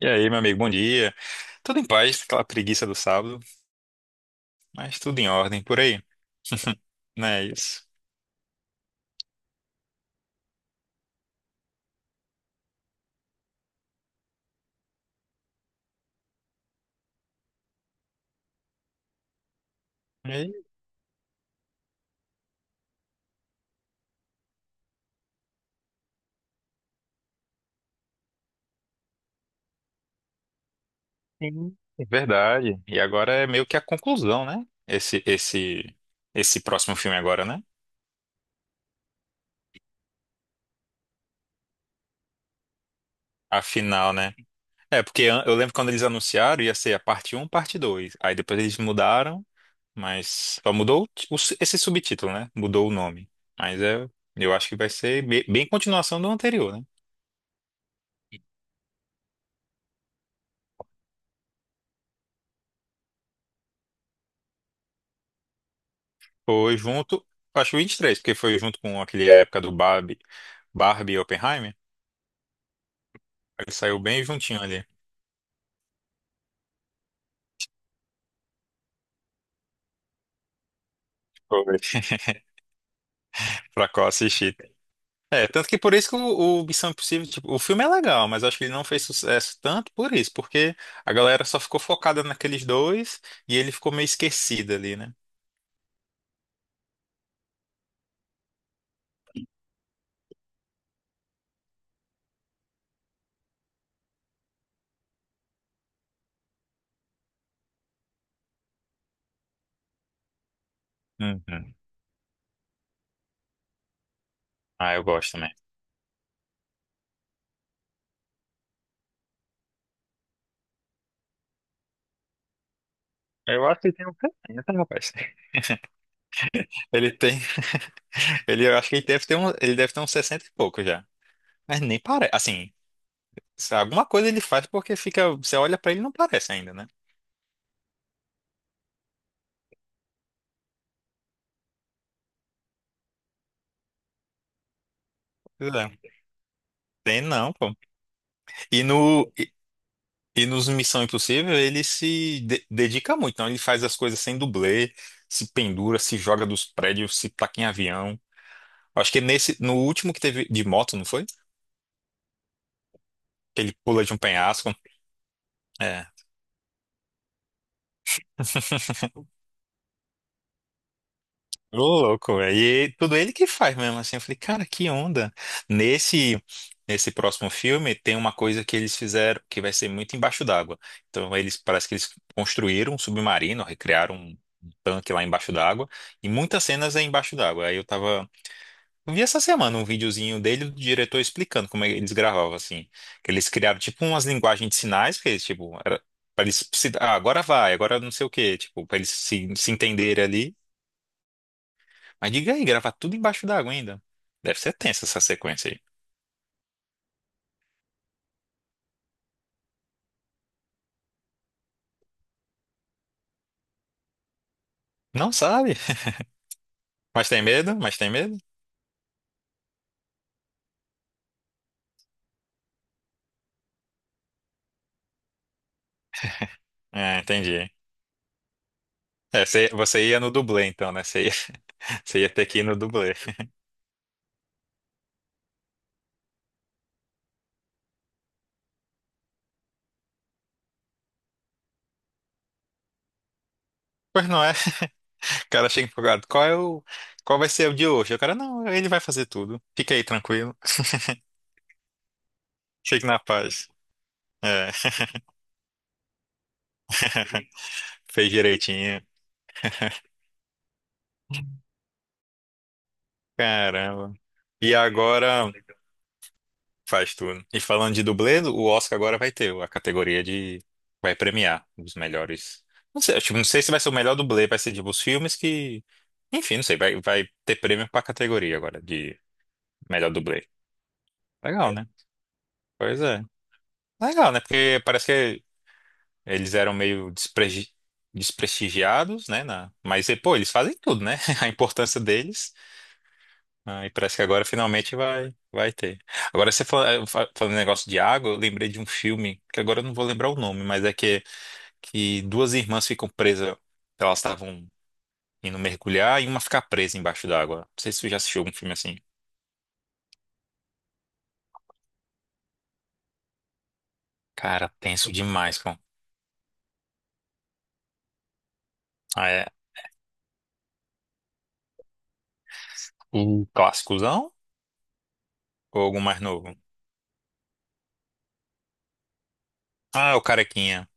E aí, meu amigo, bom dia. Tudo em paz, aquela preguiça do sábado, mas tudo em ordem por aí. Não é isso? E aí, sim, é verdade. E agora é meio que a conclusão, né? Esse próximo filme agora, né? A final, né? É, porque eu lembro quando eles anunciaram ia ser a parte um, parte 2. Aí depois eles mudaram, mas só mudou o esse subtítulo, né? Mudou o nome. Mas é, eu acho que vai ser bem continuação do anterior, né? Foi junto, acho 23, porque foi junto com aquele época do Barbie, Barbie e Oppenheimer. Ele saiu bem juntinho ali. Foi. Pra qual assistir. É, tanto que por isso que o Missão Impossível, tipo, o filme é legal, mas acho que ele não fez sucesso tanto por isso, porque a galera só ficou focada naqueles dois e ele ficou meio esquecido ali, né? Uhum. Ah, eu gosto também. Eu acho que ele tem um talento, rapaz. Ele tem. Ele, eu acho que ele deve ter um, ele deve ter uns 60 e pouco já. Mas nem parece. Assim, se alguma coisa ele faz porque fica. Você olha pra ele e não parece ainda, né? Pois é. Tem não, pô. E, no, e nos Missão Impossível ele se de- dedica muito, então ele faz as coisas sem dublê, se pendura, se joga dos prédios, se taca em avião. Acho que nesse, no último que teve de moto, não foi? Que ele pula de um penhasco. É. Ô, louco, velho. E tudo ele que faz mesmo, assim. Eu falei, cara, que onda. Nesse, nesse próximo filme tem uma coisa que eles fizeram que vai ser muito embaixo d'água. Então eles, parece que eles construíram um submarino, recriaram um tanque lá embaixo d'água. E muitas cenas é embaixo d'água. Aí eu tava... Eu vi essa semana um videozinho dele, do diretor explicando como é que eles gravavam, assim. Que eles criaram, tipo, umas linguagens de sinais, que eles, tipo... Era... Pra eles se... ah, agora vai, agora não sei o quê, tipo, pra eles se entenderem ali. Mas diga aí, gravar tudo embaixo d'água ainda. Deve ser tensa essa sequência aí. Não sabe? Mas tem medo? É, entendi. É, você ia no dublê então, né? Você ia, você ia ter que ir no dublê. Pois não é? O cara chega empolgado. Qual vai ser o de hoje? O cara, não, ele vai fazer tudo. Fica aí tranquilo. Fique na paz. É. Fez direitinho. Caramba. E agora. Faz tudo. E falando de dublê, o Oscar agora vai ter a categoria de. Vai premiar os melhores. Não sei, tipo, não sei se vai ser o melhor dublê, vai ser tipo os filmes que. Enfim, não sei, vai ter prêmio pra categoria agora de melhor dublê. Legal, é, né? Pois é. Legal, né? Porque parece que eles eram meio desprestigiados, né? Mas, pô, eles fazem tudo, né? A importância deles. Ah, e parece que agora finalmente vai ter. Agora você falando negócio de água, eu lembrei de um filme, que agora eu não vou lembrar o nome, mas é que duas irmãs ficam presas, elas estavam indo mergulhar e uma fica presa embaixo d'água. Não sei se você já assistiu algum filme assim. Cara, tenso demais, pô. Ah, é o clássicozão ou algum mais novo? Ah, é o Carequinha.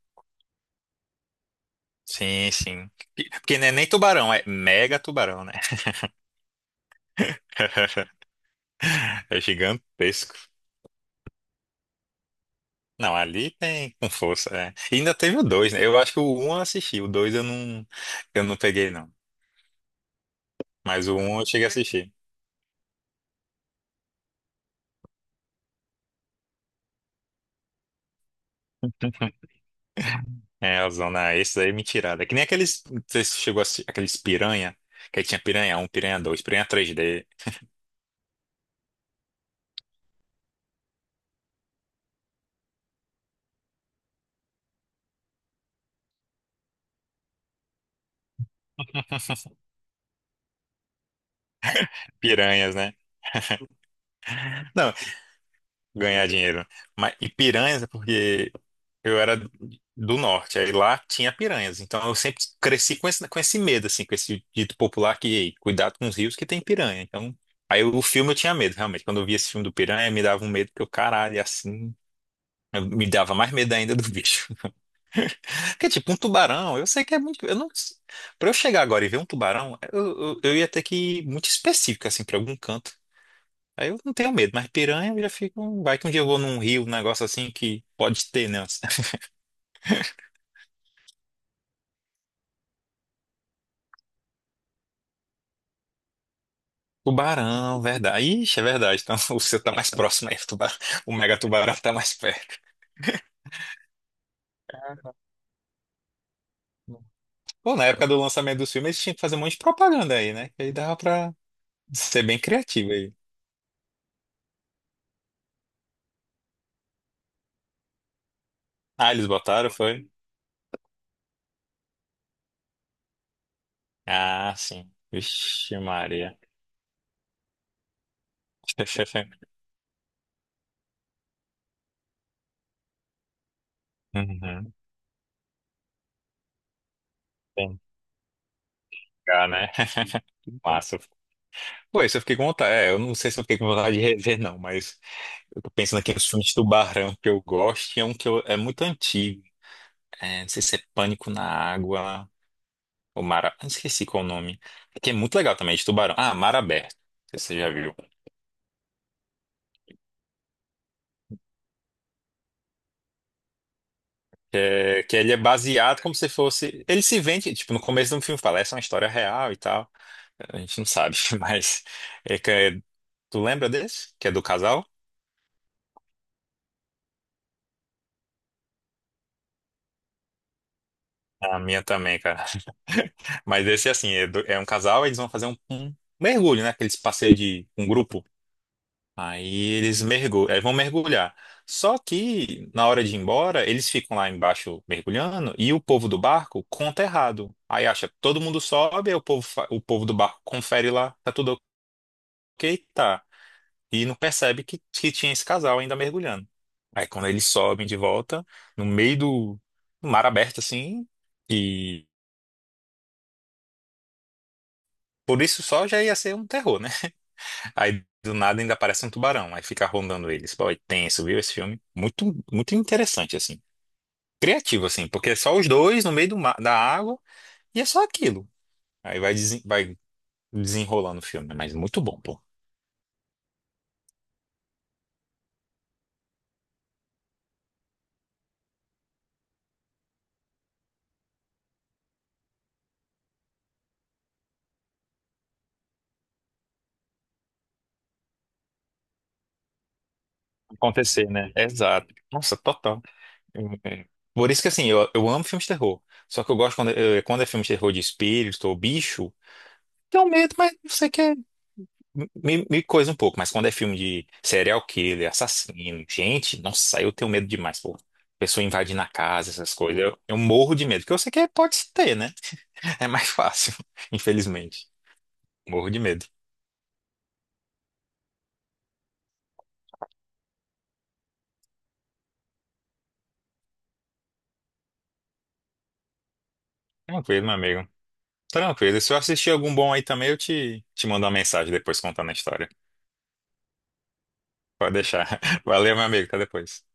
Sim, sim. Porque não é nem tubarão, é mega tubarão, né? É gigantesco. Não, ali tem com força. É. E ainda teve o dois, né? Eu acho que o um eu assisti, o dois eu não peguei, não. Mas o um eu cheguei a assistir. É, a zona, esses aí é mentirada. É que nem aqueles, não sei se chegou a assistir, aqueles piranha, que aí tinha piranha um piranha dois piranha três d piranhas, né? Não, ganhar dinheiro. Mas, e piranhas, é porque eu era do norte, aí lá tinha piranhas. Então eu sempre cresci com com esse medo, assim, com esse dito popular que, ei, cuidado com os rios que tem piranha. Então, aí o filme eu tinha medo, realmente. Quando eu via esse filme do piranha, me dava um medo que eu, caralho, é assim, me dava mais medo ainda do bicho. Porque, tipo, um tubarão, eu sei que é muito. Eu não, pra eu chegar agora e ver um tubarão, eu ia ter que ir muito específico, assim, pra algum canto. Aí eu não tenho medo, mas piranha eu já fico. Vai que um dia eu vou num rio, um negócio assim que pode ter, né? Tubarão, verdade. Ixi, é verdade. Então o seu tá mais próximo aí. O Mega Tubarão tá mais perto. Bom, na época do lançamento dos filmes, eles tinham que fazer um monte de propaganda aí, né? Que aí dava pra ser bem criativo aí. Ah, eles botaram, foi? Ah, sim. Vixe, Maria. Uhum. Tem que ficar, né? Massa. Pô, isso eu fiquei com vontade. É, eu não sei se eu fiquei com vontade de rever, não, mas eu tô pensando aqui nos filmes de tubarão que eu gosto e é um que é muito antigo. É, não sei se é Pânico na Água. O Mara... ah, esqueci qual o nome. Que é muito legal também, de tubarão. Ah, Mar Aberto. Não sei se você já viu. Que, que ele é baseado como se fosse. Ele se vende, tipo, no começo do filme fala, essa é uma história real e tal. A gente não sabe, mas. É que tu lembra desse? Que é do casal? A minha também, cara. Mas esse, assim, é, é um casal, eles vão fazer um mergulho, né? Aqueles passeios de um grupo. Aí eles mergulham, aí vão mergulhar. Só que na hora de ir embora, eles ficam lá embaixo mergulhando e o povo do barco conta errado. Aí acha, todo mundo sobe, aí o povo, o povo do barco confere lá, tá tudo ok, tá. E não percebe que tinha esse casal ainda mergulhando. Aí quando eles sobem de volta, no meio do mar aberto assim, e por isso só já ia ser um terror, né? Aí do nada ainda aparece um tubarão, aí fica rondando eles. Pô, é tenso, viu esse filme? Muito, muito interessante assim. Criativo, assim, porque é só os dois no meio da água e é só aquilo. Aí vai desenrolando o filme, mas muito bom, pô. Acontecer, né? Exato. Nossa, total. É. Por isso que, assim, eu amo filmes de terror. Só que eu gosto quando é filme de terror de espírito ou bicho, tem um medo, mas você quer. Me coisa um pouco, mas quando é filme de serial killer, assassino, gente, nossa, eu tenho medo demais, pô. Pessoa invadindo a casa, essas coisas. Eu morro de medo, porque eu sei que pode ter, né? É mais fácil, infelizmente. Morro de medo. Tranquilo, meu amigo. Tranquilo. E se eu assistir algum bom aí também, eu te mando uma mensagem depois contando a história. Pode deixar. Valeu, meu amigo. Até depois.